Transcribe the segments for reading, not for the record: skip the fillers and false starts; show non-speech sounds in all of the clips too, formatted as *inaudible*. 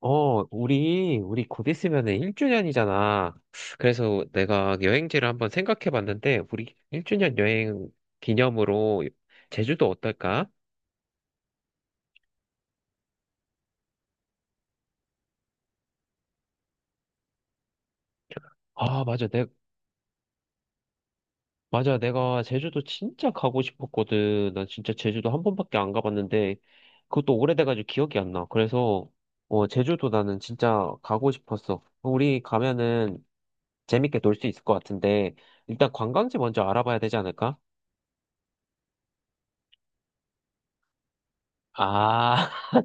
우리 곧 있으면은 1주년이잖아. 그래서 내가 여행지를 한번 생각해 봤는데, 우리 1주년 여행 기념으로 제주도 어떨까? 아, 맞아. 맞아. 내가 제주도 진짜 가고 싶었거든. 난 진짜 제주도 한 번밖에 안 가봤는데, 그것도 오래돼가지고 기억이 안 나. 그래서, 제주도 나는 진짜 가고 싶었어. 우리 가면은 재밌게 놀 수 있을 것 같은데, 일단 관광지 먼저 알아봐야 되지 않을까? 아, *laughs*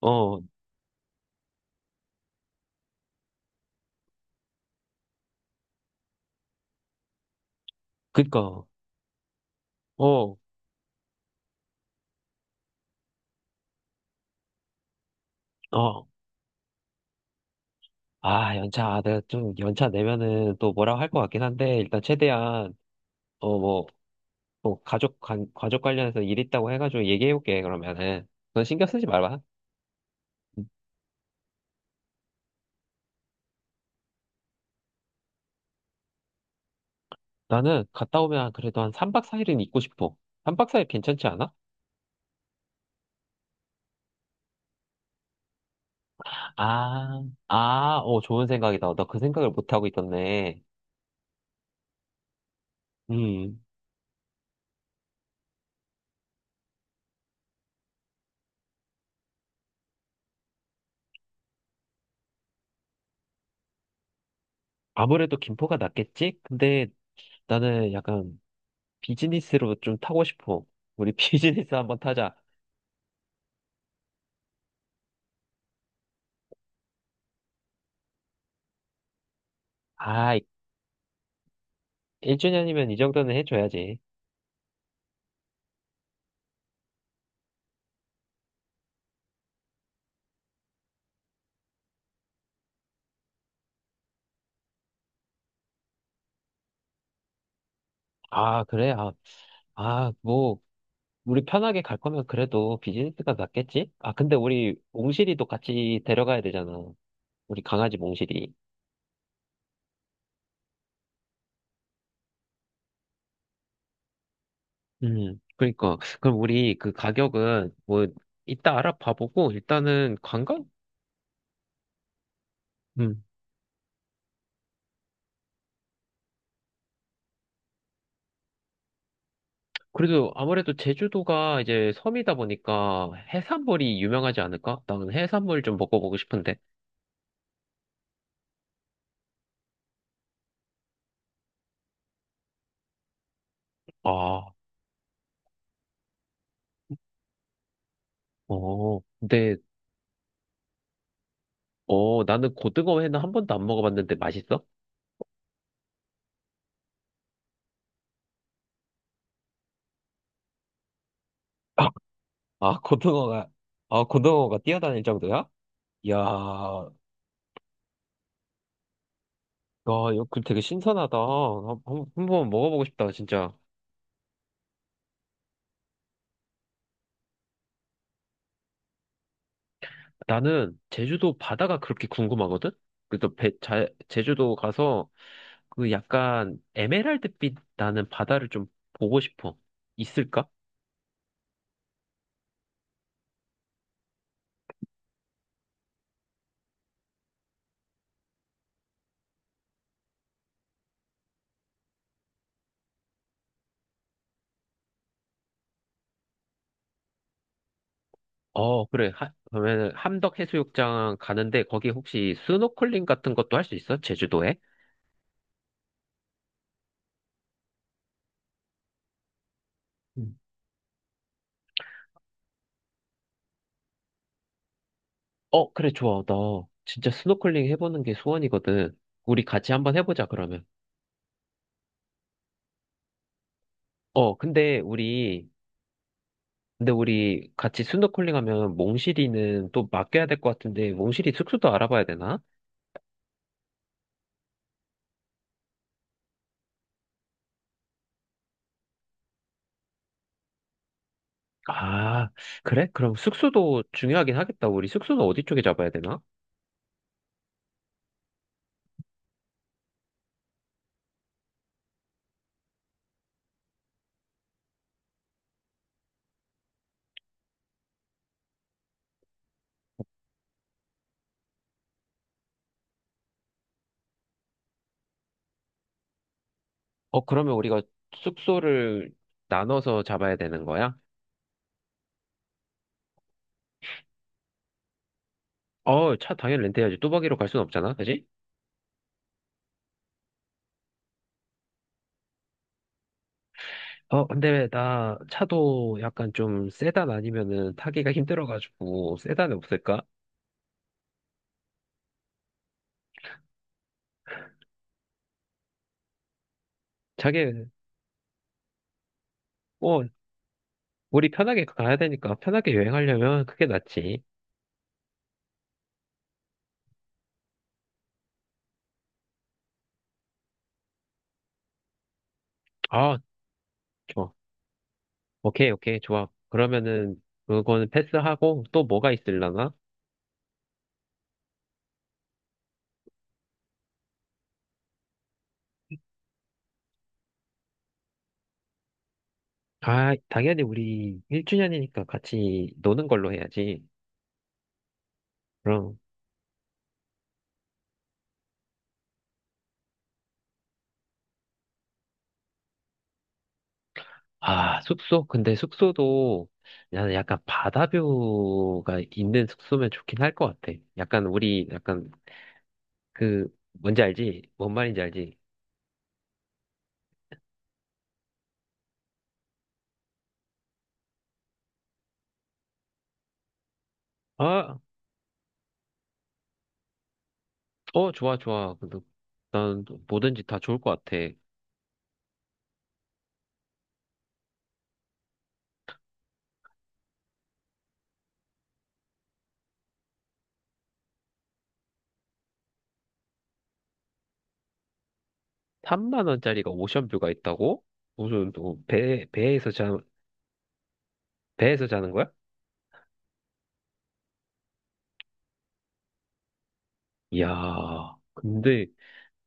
어. 그니까, 어, 어, 아, 내가 좀 연차 내면은 또 뭐라고 할 것 같긴 한데, 일단 최대한, 뭐, 뭐, 가족 관련해서 일 있다고 해가지고 얘기해볼게, 그러면은. 넌 신경 쓰지 말아. 나는 갔다 오면 그래도 한 3박 4일은 있고 싶어. 3박 4일 괜찮지 않아? 아, 좋은 생각이다. 나 그 생각을 못하고 있었네. 음, 아무래도 김포가 낫겠지? 근데 나는 약간 비즈니스로 좀 타고 싶어. 우리 *laughs* 비즈니스 한번 타자. 아, 1주년이면 이 정도는 해줘야지. 아, 그래? 뭐, 우리 편하게 갈 거면 그래도 비즈니스가 낫겠지? 아, 근데 우리 몽실이도 같이 데려가야 되잖아. 우리 강아지 몽실이. 그러니까. 그럼 우리 그 가격은 뭐, 이따 알아봐보고, 일단은 관광? 음. 그래도 아무래도 제주도가 이제 섬이다 보니까 해산물이 유명하지 않을까? 나는 해산물 좀 먹어보고 싶은데. 아, 근데, 나는 고등어 회는 한 번도 안 먹어봤는데 맛있어? 아, 아, 고등어가, 고등어가 뛰어다닐 정도야? 이야, 야, 이거 그 되게 신선하다. 한번 먹어보고 싶다, 진짜. 나는 제주도 바다가 그렇게 궁금하거든? 그래서 제주도 가서 그 약간 에메랄드빛 나는 바다를 좀 보고 싶어. 있을까? 어, 그래. 하, 그러면 함덕해수욕장 가는데 거기 혹시 스노클링 같은 것도 할 수 있어? 제주도에? 어, 그래, 좋아. 나 진짜 스노클링 해보는 게 소원이거든. 우리 같이 한번 해보자, 그러면. 어, 근데 우리 같이 스노클링 하면 몽실이는 또 맡겨야 될 것 같은데, 몽실이 숙소도 알아봐야 되나? 아, 그래? 그럼 숙소도 중요하긴 하겠다. 우리 숙소는 어디 쪽에 잡아야 되나? 어, 그러면 우리가 숙소를 나눠서 잡아야 되는 거야? 어, 차 당연히 렌트해야지. 뚜벅이로 갈 순 없잖아, 그지? 어, 근데 나 차도 약간 좀 세단 아니면은 타기가 힘들어가지고 세단에 없을까? 자기, 어 우리 편하게 가야 되니까 편하게 여행하려면 그게 낫지. 아, 좋아. 오케이, 오케이, 좋아. 그러면은 그거는 패스하고 또 뭐가 있을라나? 아, 당연히 우리 1주년이니까 같이 노는 걸로 해야지. 그럼, 아, 숙소? 근데 숙소도 나는 약간 바다뷰가 있는 숙소면 좋긴 할 것 같아. 약간 우리 약간 그 뭔지 알지? 뭔 말인지 알지? 아, 좋아, 좋아. 근데 난 뭐든지 다 좋을 것 같아. 3만 원짜리가 오션뷰가 있다고? 무슨 배 배에서 자 배에서 자는 거야? 이야. 근데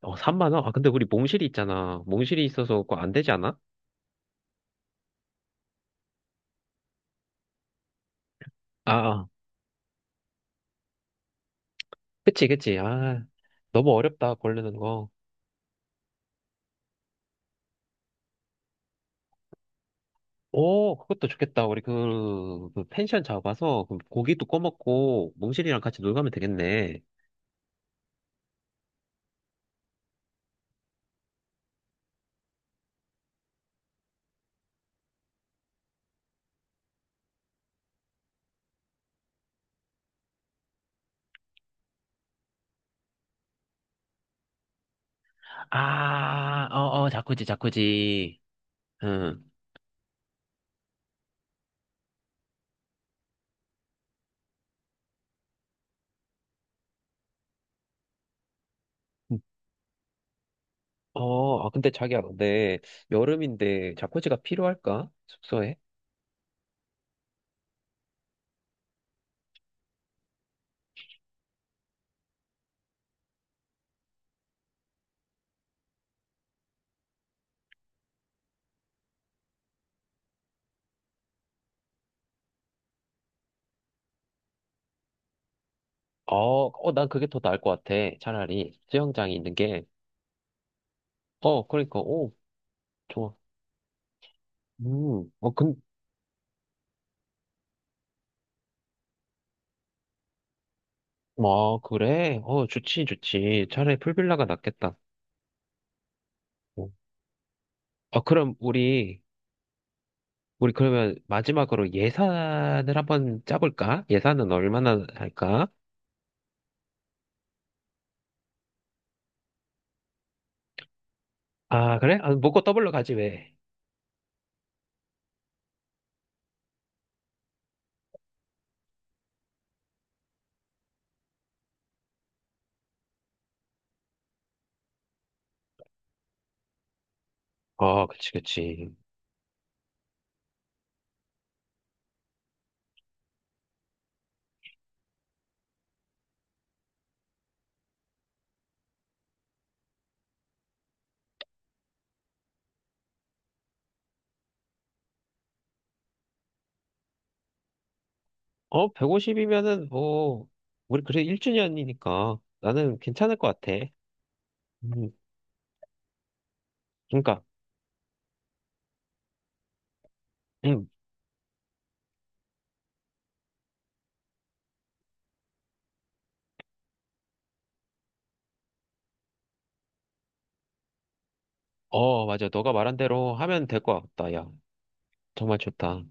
3만 원? 아, 근데 우리 몽실이 있잖아. 몽실이 있어서 그거 안 되지 않아? 아, 아. 그치, 그치. 아, 너무 어렵다 걸리는 거. 오, 그것도 좋겠다. 우리 그 펜션 잡아서 그 고기도 꺼먹고 몽실이랑 같이 놀 가면 되겠네. 아, 자쿠지, 자쿠지. 응. 아, 근데 자기야, 근데 여름인데 자쿠지가 필요할까? 숙소에? 어, 어, 난 그게 더 나을 것 같아. 차라리 수영장이 있는 게. 어, 그러니까, 오, 좋아. 음, 어, 근, 뭐, 그래? 어, 좋지, 좋지. 차라리 풀빌라가 낫겠다. 어, 그럼 우리 그러면 마지막으로 예산을 한번 짜볼까? 예산은 얼마나 할까? 아, 그래? 아, 먹고 더블로 가지, 왜? 어, 그치, 그치. 어, 150이면은 뭐, 우리 그래 1주년이니까 나는 괜찮을 것 같아. 음, 그러니까, 음, 맞아. 너가 말한 대로 하면 될 것 같다. 야, 정말 좋다.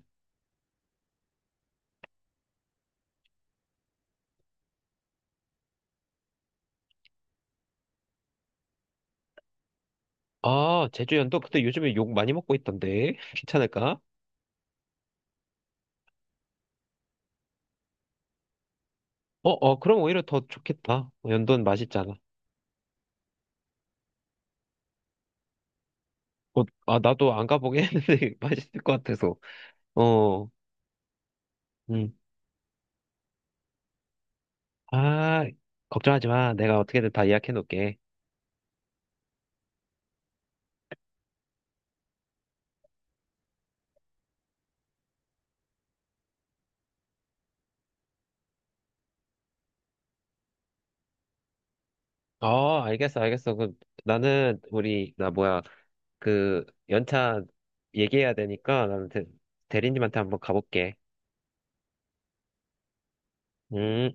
아, 제주연도? 근데 요즘에 욕 많이 먹고 있던데. *laughs* 괜찮을까? 어, 어, 그럼 오히려 더 좋겠다. 연도는 맛있잖아. 아, 나도 안 가보긴 했는데 *laughs* 맛있을 것 같아서. 어. 음. 아, 걱정하지 마. 내가 어떻게든 다 예약해 놓을게. 어, 알겠어, 알겠어. 그, 나 뭐야, 그, 연차 얘기해야 되니까, 나는 대, 대리님한테 한번 가볼게. 음.